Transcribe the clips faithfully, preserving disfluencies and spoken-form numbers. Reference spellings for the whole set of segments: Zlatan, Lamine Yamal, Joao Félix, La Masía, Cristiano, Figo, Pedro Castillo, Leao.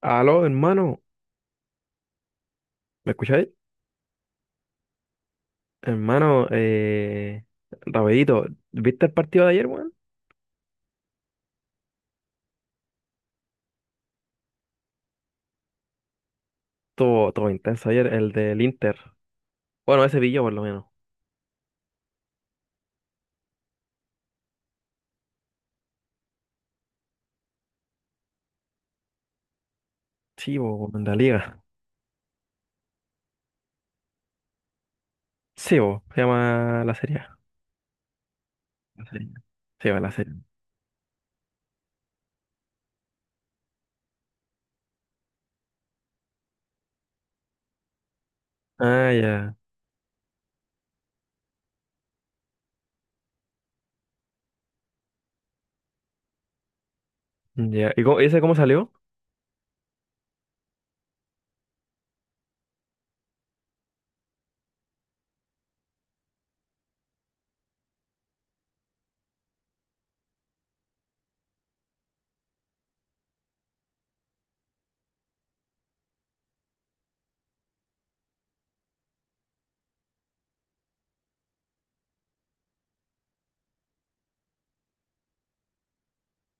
Aló, hermano, ¿me escucháis? Hermano, eh, rapidito, ¿viste el partido de ayer, weón? Todo, todo intenso ayer, el del Inter. Bueno, ese vi yo por lo menos. Sí, bo, en la liga. Sí, bo, se llama la serie. A. La serie. A. Sí, va la serie. Ah, ya. Ya. ¿Y cómo- ese cómo salió?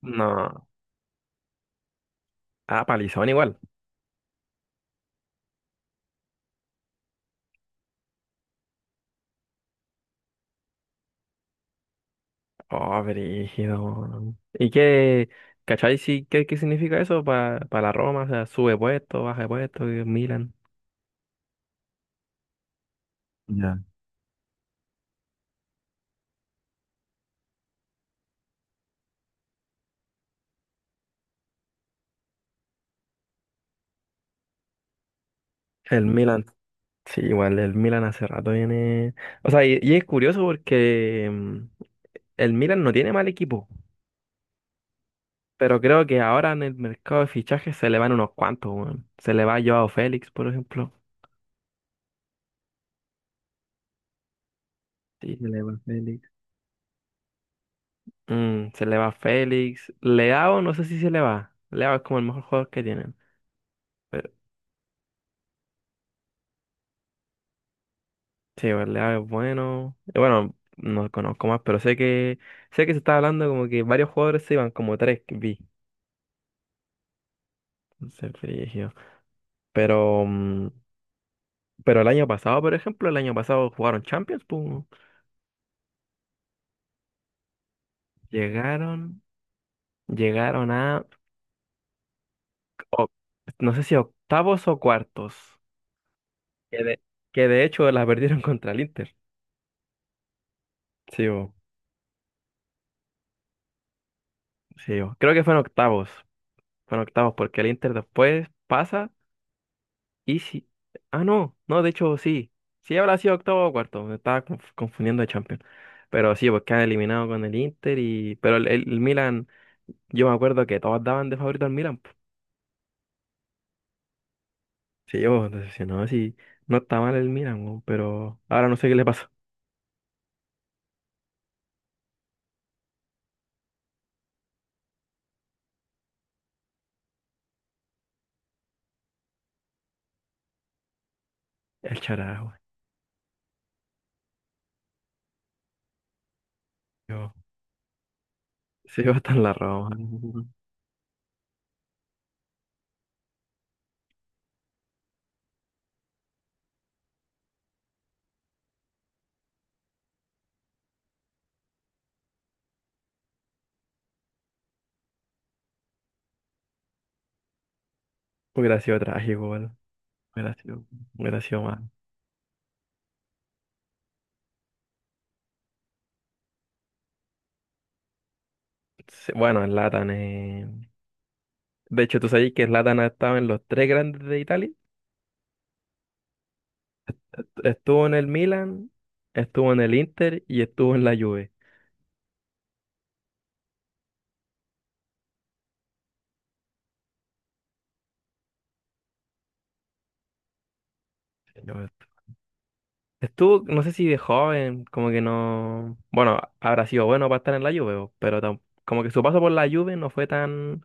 No. Ah, palizón igual. Oh, brígido, weón. ¿Y qué, cachai, sí, qué, qué significa eso para la Roma? O sea, sube puesto, baja de puesto, y el Milan. Ya. El Milan. Sí, igual el Milan hace rato viene. O sea, y, y es curioso porque mm, el Milan no tiene mal equipo, pero creo que ahora en el mercado de fichajes se le van unos cuantos, weón. Se le va Joao Félix, por ejemplo. Sí. Se le va Félix. Mm, se le va Félix. Leao, no sé si se le va. Leao es como el mejor jugador que tienen. Pero sí, bueno, Leao es bueno. Y bueno, no conozco más, pero sé que sé que se está hablando como que varios jugadores se iban, como tres que vi. Entonces, brígido. Pero mm, Pero el año pasado, por ejemplo, el año pasado jugaron Champions, pum, llegaron, llegaron a, o- no sé si octavos o cuartos, que de, que de hecho la perdieron contra el Inter. Sí, bo, sí, bo. Creo que fueron octavos, fueron octavos, porque el Inter después pasa y sí. Ah, no, no, de hecho sí, sí habrá sido octavo o cuarto, me estaba conf- confundiendo de Champions. Pero sí, porque han eliminado con el Inter y, pero el, el Milan, yo me acuerdo que todos daban de favorito al Milan. Sí, yo decepcionado, sí. No está mal el Milan, weón, pero ahora no sé qué le pasó. El charajo, yo. Se iba hasta en la Roma. Hubiera sido trágico, weón. Hubiera sido, hubiera sido más. Sí, bueno, Zlatan, eh... De hecho, tú sabes que Zlatan ha estado en los tres grandes de Italia. Estuvo en el Milan, estuvo en el Inter y estuvo en la Juve. Yo- Estuvo, no sé si de joven, como que no. Bueno, habrá sido bueno para estar en la Juve, weón, pero tam- como que su paso por la Juve no fue tan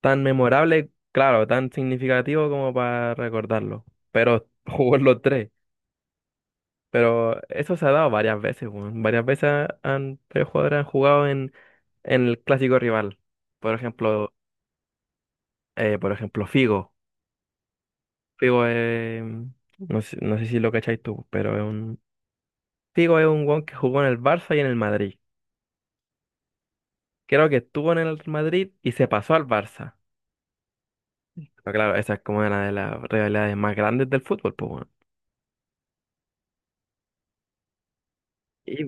tan memorable, claro, tan significativo como para recordarlo. Pero jugó en los tres. Pero eso se ha dado varias veces, weón. Varias veces han, tres jugadores han jugado en, en el clásico rival. Por ejemplo, eh, por ejemplo, Figo. Figo es, no sé, no sé si lo cacháis tú, pero es un, Figo es un weón que jugó en el Barça y en el Madrid. Creo que estuvo en el Madrid y se pasó al Barça. Pero claro, esa es como una de las rivalidades más grandes del fútbol, pues, weón. Y,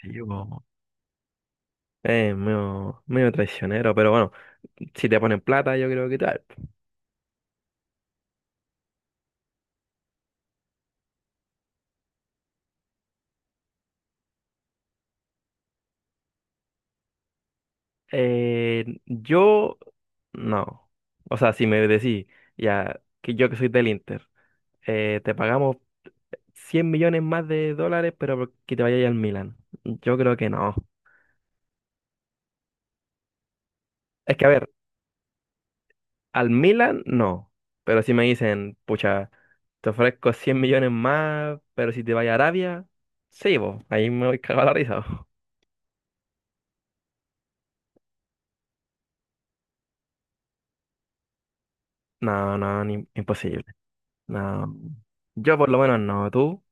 sí, weón. Es medio, medio traicionero, pero bueno, si te ponen plata, yo creo que tal. Eh, yo, no. O sea, si me decís, ya, que yo que soy del Inter, eh, te pagamos cien millones más de dólares, pero que te vayas al Milan. Yo creo que no. Es que, a ver, al Milan, no. Pero si me dicen, pucha, te ofrezco cien millones más, pero si te vayas a Arabia, sí, vos, ahí me voy cagado la risa, bo. No, no, ni- imposible. No, yo por lo menos no, tú.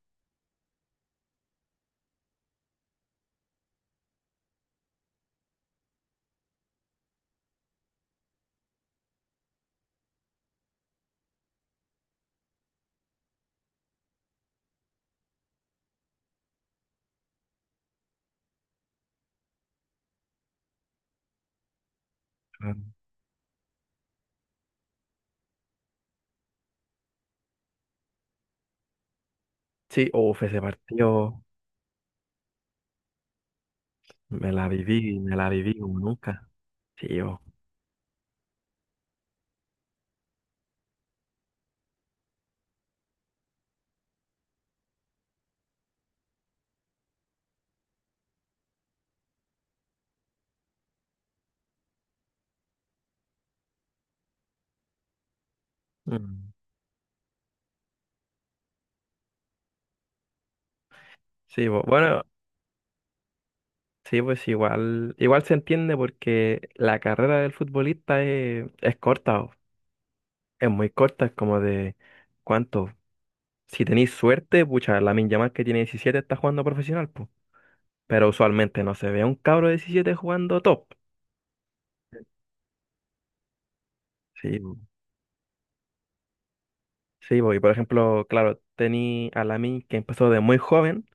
Claro. Sí, uf ese partido me la viví, me la viví como nunca. Sí, yo. Mm. Sí, bo- bueno, sí, pues igual, igual se entiende porque la carrera del futbolista es, es corta, o es muy corta, es como de, ¿cuánto? Si tenéis suerte, pucha, Lamine Yamal que tiene diecisiete está jugando profesional, pues. Pero usualmente no se ve a un cabro de diecisiete jugando top. Sí, bo. Sí, bo. Y por ejemplo, claro, tení a Lamine que empezó de muy joven.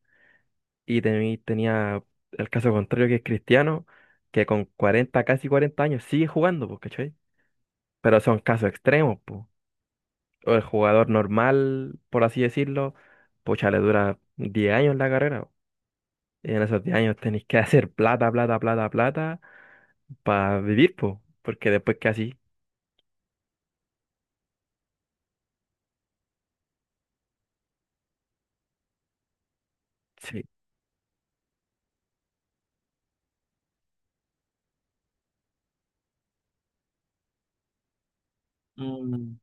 Y teni- tenía el caso contrario que es Cristiano, que con cuarenta casi cuarenta años sigue jugando, pues, ¿cachai? Pero son casos extremos, pues. O el jugador normal, por así decirlo, pucha, le dura diez años la carrera, po. Y en esos diez años tenéis que hacer plata, plata, plata, plata para vivir, pues. Porque después que así, sí. Mm,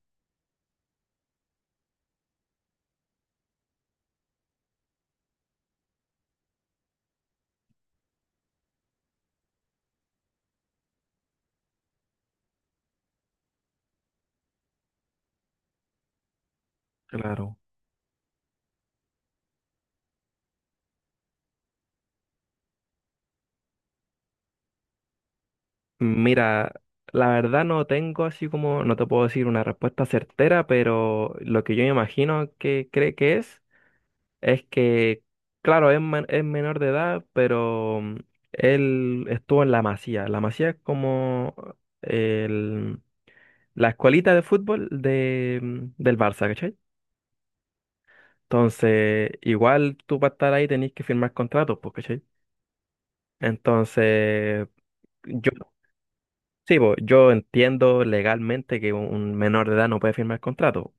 claro. Mira, la verdad no tengo así como, no te puedo decir una respuesta certera, pero lo que yo me imagino que cree que es. Es que, claro, es, men- es menor de edad, pero mm, él estuvo en La Masía. La Masía es como el- la escuelita de fútbol de, mm, del Barça, ¿cachai? Entonces, igual tú para estar ahí tenés que firmar contratos, pues, ¿cachai? Entonces, yo, sí, pues, yo entiendo legalmente que un un menor de edad no puede firmar contrato.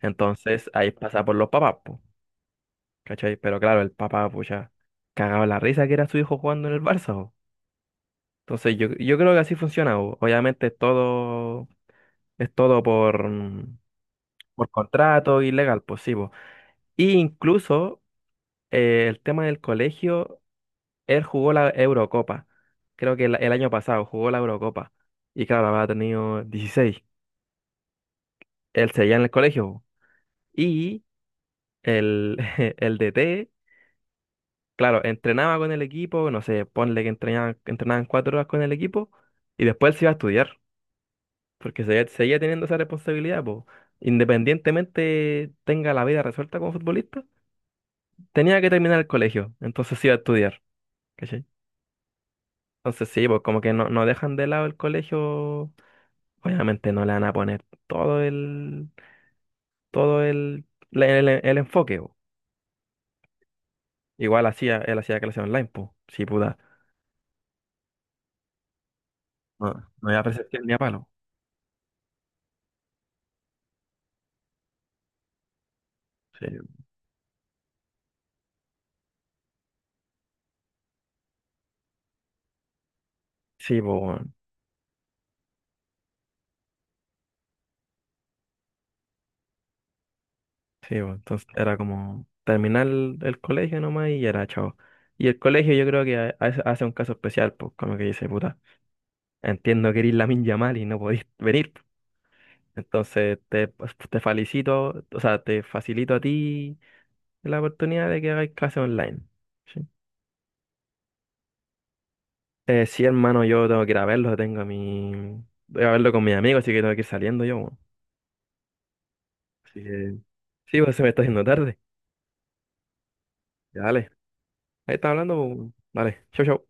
Entonces, ahí pasa por los papás, pues, ¿cachai? Pero claro, el papá, pues ya cagaba la risa que era su hijo jugando en el Barça, po. Entonces yo, yo creo que así funciona. o- Obviamente es todo, es todo por, mm, por contrato y legal, pues sí, po. Y incluso eh, el tema del colegio, él jugó la Eurocopa. Creo que el, el año pasado jugó la Eurocopa. Y claro, había tenido dieciséis. Él seguía en el colegio, po. Y el, el D T, claro, entrenaba con el equipo, no sé, ponle que entrenaban, entrenaban cuatro horas con el equipo y después él se iba a estudiar. Porque se, seguía teniendo esa responsabilidad, pues. Independientemente tenga la vida resuelta como futbolista, tenía que terminar el colegio, entonces iba a estudiar, ¿cachai? Entonces sí, pues como que no, no dejan de lado el colegio, obviamente no le van a poner todo el, todo el, la- el, el enfoque, po. Igual hacía, él hacía clases online, pues, sí, puta, no, no iba a presencial ni a palo. Sí, sí, pues, sí, pues, entonces era como terminar el, el colegio nomás y era chao. Y el colegio yo creo que ha- hace hace un caso especial, pues como que dice, puta, entiendo que eres Lamin Yamal y no podís venir, pues. Entonces te, pues, te felicito, o sea, te facilito a ti la oportunidad de que hagáis clases online. ¿Sí? Eh, sí, hermano, yo tengo que ir a verlo, tengo a mi... Voy a verlo con mis amigos, así que tengo que ir saliendo yo, weón. Así que sí, pues se me está haciendo tarde. Ya, dale, ahí está hablando, pues, dale, chau, chau.